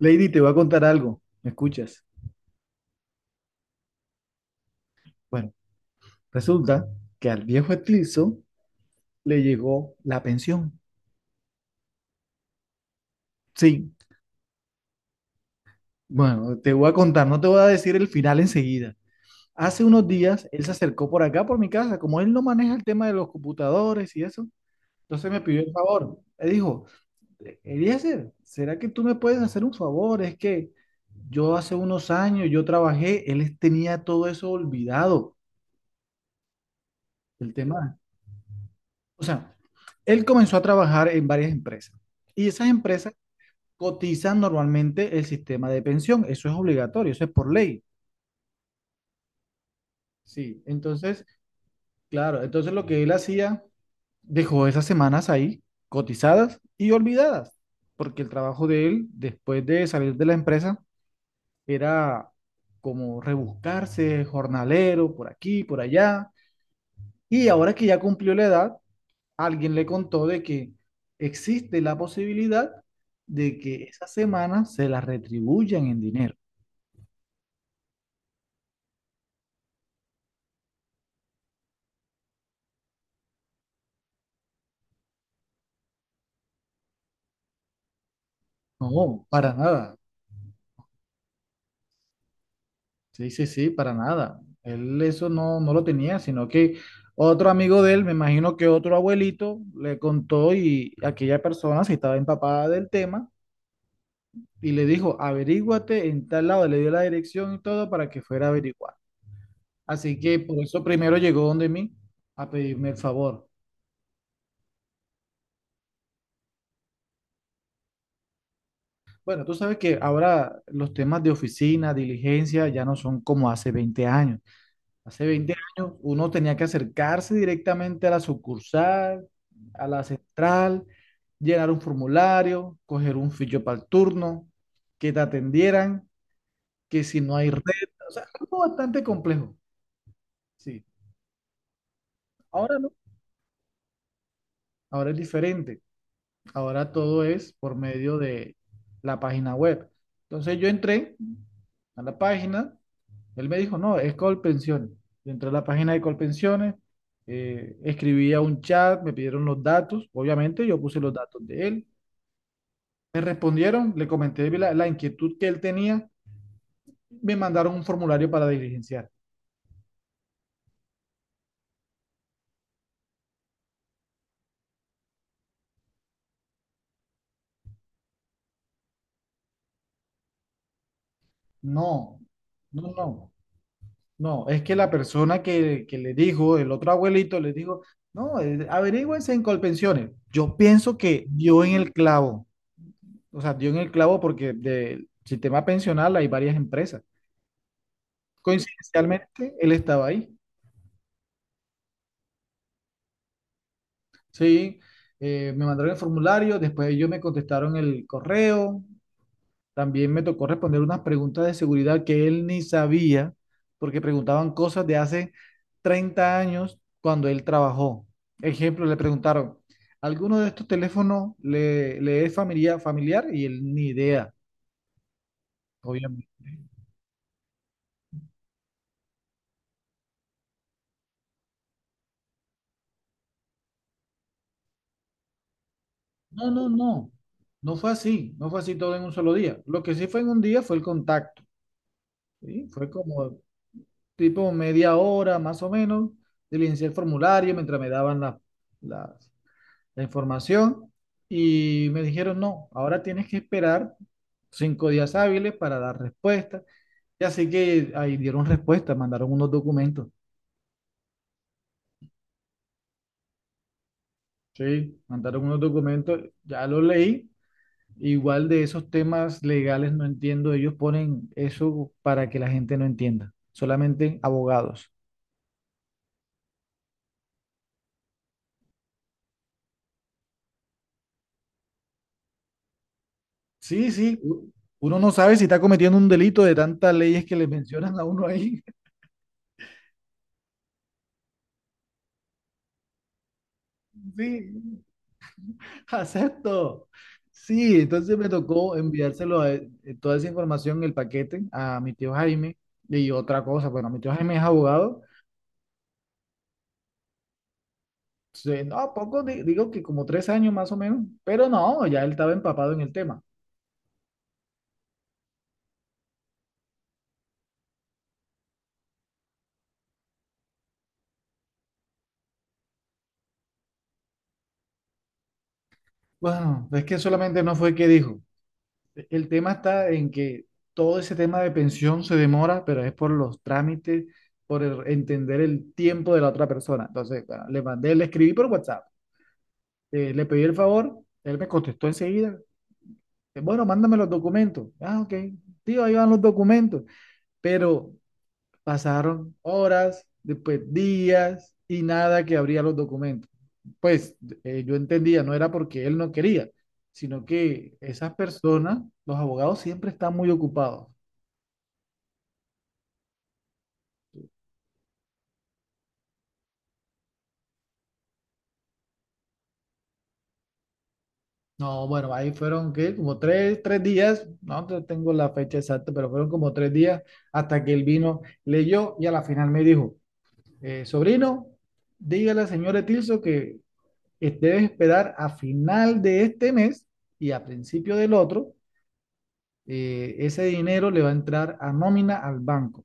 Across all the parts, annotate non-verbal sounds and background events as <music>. Lady, te voy a contar algo. ¿Me escuchas? Bueno, resulta que al viejo Etilso le llegó la pensión. Sí, bueno, te voy a contar, no te voy a decir el final enseguida. Hace unos días él se acercó por acá, por mi casa, como él no maneja el tema de los computadores y eso. Entonces me pidió el favor. Me dijo, Eliezer, ¿será que tú me puedes hacer un favor? Es que yo hace unos años yo trabajé, él tenía todo eso olvidado, el tema. O sea, él comenzó a trabajar en varias empresas y esas empresas cotizan normalmente el sistema de pensión. Eso es obligatorio, eso es por ley. Sí, entonces, claro, entonces lo que él hacía, dejó esas semanas ahí cotizadas y olvidadas, porque el trabajo de él después de salir de la empresa era como rebuscarse, jornalero, por aquí, por allá. Y ahora que ya cumplió la edad, alguien le contó de que existe la posibilidad de que esa semana se la retribuyan en dinero. No, para nada. Sí, sí, sí, para nada. Él eso no, no lo tenía, sino que otro amigo de él, me imagino que otro abuelito, le contó y aquella persona se estaba empapada del tema y le dijo, averíguate en tal lado, le dio la dirección y todo para que fuera a averiguar. Así que por eso primero llegó donde mí a pedirme el favor. Bueno, tú sabes que ahora los temas de oficina, diligencia, ya no son como hace 20 años. Hace 20 años uno tenía que acercarse directamente a la sucursal, a la central, llenar un formulario, coger un ficho para el turno, que te atendieran, que si no hay red, o sea, algo bastante complejo. Sí, ahora no, ahora es diferente. Ahora todo es por medio de la página web. Entonces yo entré a la página. Él me dijo, no, es Colpensiones. Entré a la página de Colpensiones, escribí a un chat, me pidieron los datos, obviamente yo puse los datos de él. Me respondieron, le comenté la inquietud que él tenía, me mandaron un formulario para diligenciar. No, no, no. No, es que la persona que le dijo, el otro abuelito le dijo, no, averígüense en Colpensiones. Yo pienso que dio en el clavo, o sea, dio en el clavo porque del sistema pensional hay varias empresas. Coincidencialmente, él estaba ahí, sí, me mandaron el formulario, después ellos me contestaron el correo. También me tocó responder unas preguntas de seguridad que él ni sabía, porque preguntaban cosas de hace 30 años cuando él trabajó. Ejemplo, le preguntaron, ¿alguno de estos teléfonos le es familiar, familiar? Y él ni idea, obviamente. No, no, no. No fue así, no fue así todo en un solo día. Lo que sí fue en un día fue el contacto, ¿sí? Fue como tipo media hora más o menos, diligencié el formulario mientras me daban la- las la información y me dijeron, no, ahora tienes que esperar 5 días hábiles para dar respuesta. Y así que ahí dieron respuesta, mandaron unos documentos, ¿sí? Mandaron unos documentos, ya lo leí. Igual de esos temas legales no entiendo, ellos ponen eso para que la gente no entienda, solamente abogados. Sí, sí, uno no sabe si está cometiendo un delito de tantas leyes que le mencionan a uno ahí. <laughs> Sí, <laughs> acepto. Sí, entonces me tocó enviárselo a, él, toda esa información, el paquete, a mi tío Jaime. Y otra cosa, bueno, mi tío Jaime es abogado. Entonces, no, poco, digo que como 3 años más o menos, pero no, ya él estaba empapado en el tema. Bueno, es que solamente no fue que dijo. El tema está en que todo ese tema de pensión se demora, pero es por los trámites, por entender el tiempo de la otra persona. Entonces, bueno, le mandé, le escribí por WhatsApp, le pedí el favor, él me contestó enseguida, pues, bueno, mándame los documentos. Ah, ok. Tío, ahí van los documentos. Pero pasaron horas, después días y nada que abría los documentos. Pues, yo entendía, no era porque él no quería, sino que esas personas, los abogados siempre están muy ocupados. No, bueno, ahí fueron que como tres días, no tengo la fecha exacta, pero fueron como 3 días hasta que él vino, leyó y a la final me dijo, sobrino, dígale al señor Etilso que debes esperar a final de este mes y a principio del otro, ese dinero le va a entrar a nómina al banco.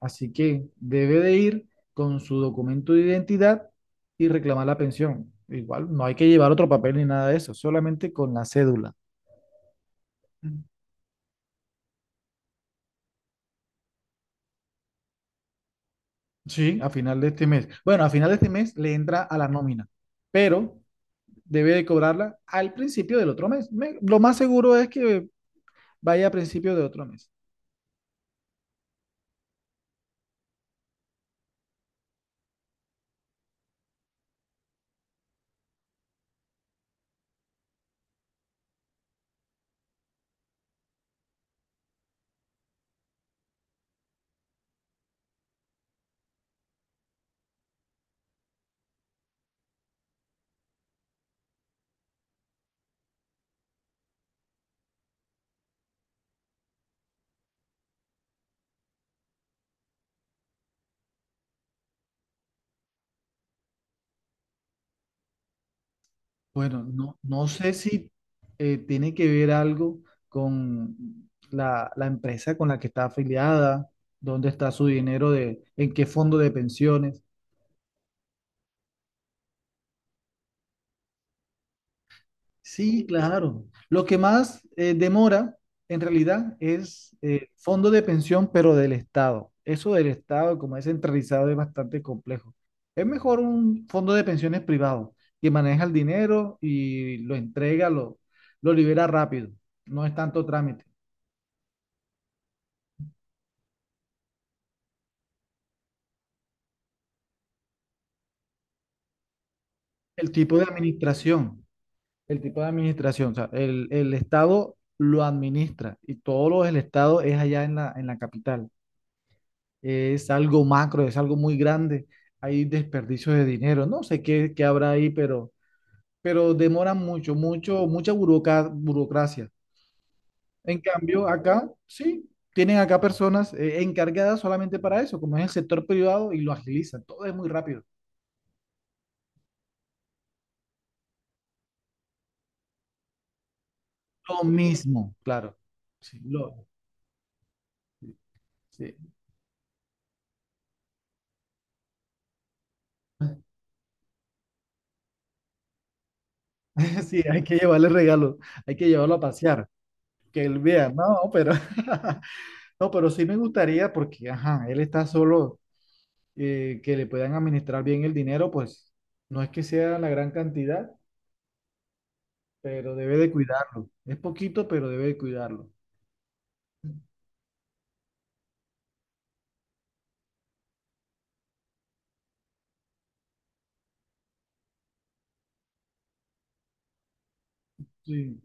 Así que debe de ir con su documento de identidad y reclamar la pensión. Igual no hay que llevar otro papel ni nada de eso, solamente con la cédula. Sí, a final de este mes. Bueno, a final de este mes le entra a la nómina, pero debe de cobrarla al principio del otro mes. Lo más seguro es que vaya a principio de otro mes. Bueno, no, no sé si tiene que ver algo con la empresa con la que está afiliada, dónde está su dinero, en qué fondo de pensiones. Sí, claro. Lo que más demora en realidad es fondo de pensión, pero del Estado. Eso del Estado, como es centralizado, es bastante complejo. Es mejor un fondo de pensiones privado que maneja el dinero y lo entrega, lo libera rápido. No es tanto trámite. El tipo de administración, el tipo de administración, o sea, el Estado lo administra y todo lo del Estado es allá en en la capital. Es algo macro, es algo muy grande. Hay desperdicios de dinero, no sé qué, habrá ahí, pero demoran mucho, mucho, mucha buroca burocracia. En cambio, acá sí, tienen acá personas encargadas solamente para eso, como es el sector privado y lo agilizan, todo es muy rápido. Lo mismo, claro. Sí, sí. <laughs> Sí, hay que llevarle regalo, hay que llevarlo a pasear, que él vea, no, pero, <laughs> no, pero sí me gustaría porque, ajá, él está solo, que le puedan administrar bien el dinero, pues no es que sea la gran cantidad, pero debe de cuidarlo, es poquito, pero debe de cuidarlo. Sí.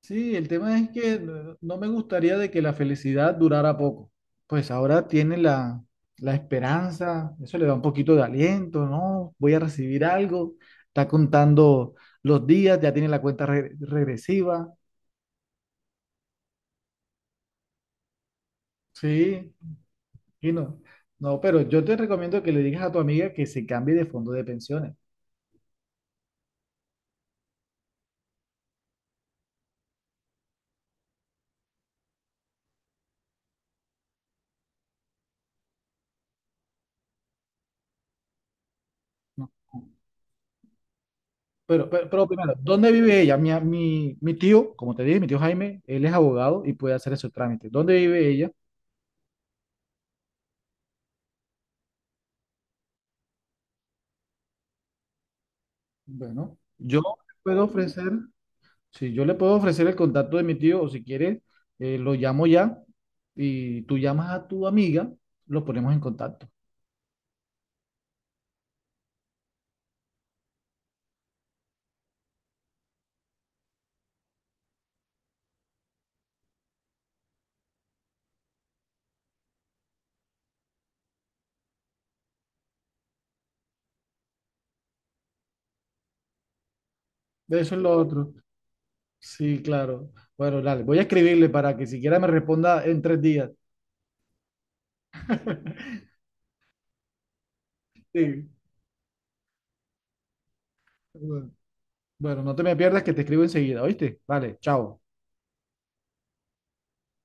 Sí, el tema es que no me gustaría de que la felicidad durara poco. Pues ahora tiene la esperanza, eso le da un poquito de aliento, ¿no? Voy a recibir algo, está contando los días, ya tiene la cuenta regresiva, sí, y no. No, pero yo te recomiendo que le digas a tu amiga que se cambie de fondo de pensiones. ¿No? Pero primero, ¿dónde vive ella? Mi tío, como te dije, mi tío Jaime, él es abogado y puede hacer ese trámite. ¿Dónde vive ella? Bueno, yo le puedo ofrecer, si yo le puedo ofrecer el contacto de mi tío, o si quieres, lo llamo ya y tú llamas a tu amiga, lo ponemos en contacto. Eso es lo otro. Sí, claro. Bueno, dale, voy a escribirle para que siquiera me responda en 3 días. <laughs> Sí. Bueno, no te me pierdas que te escribo enseguida, ¿oíste? Vale, chao.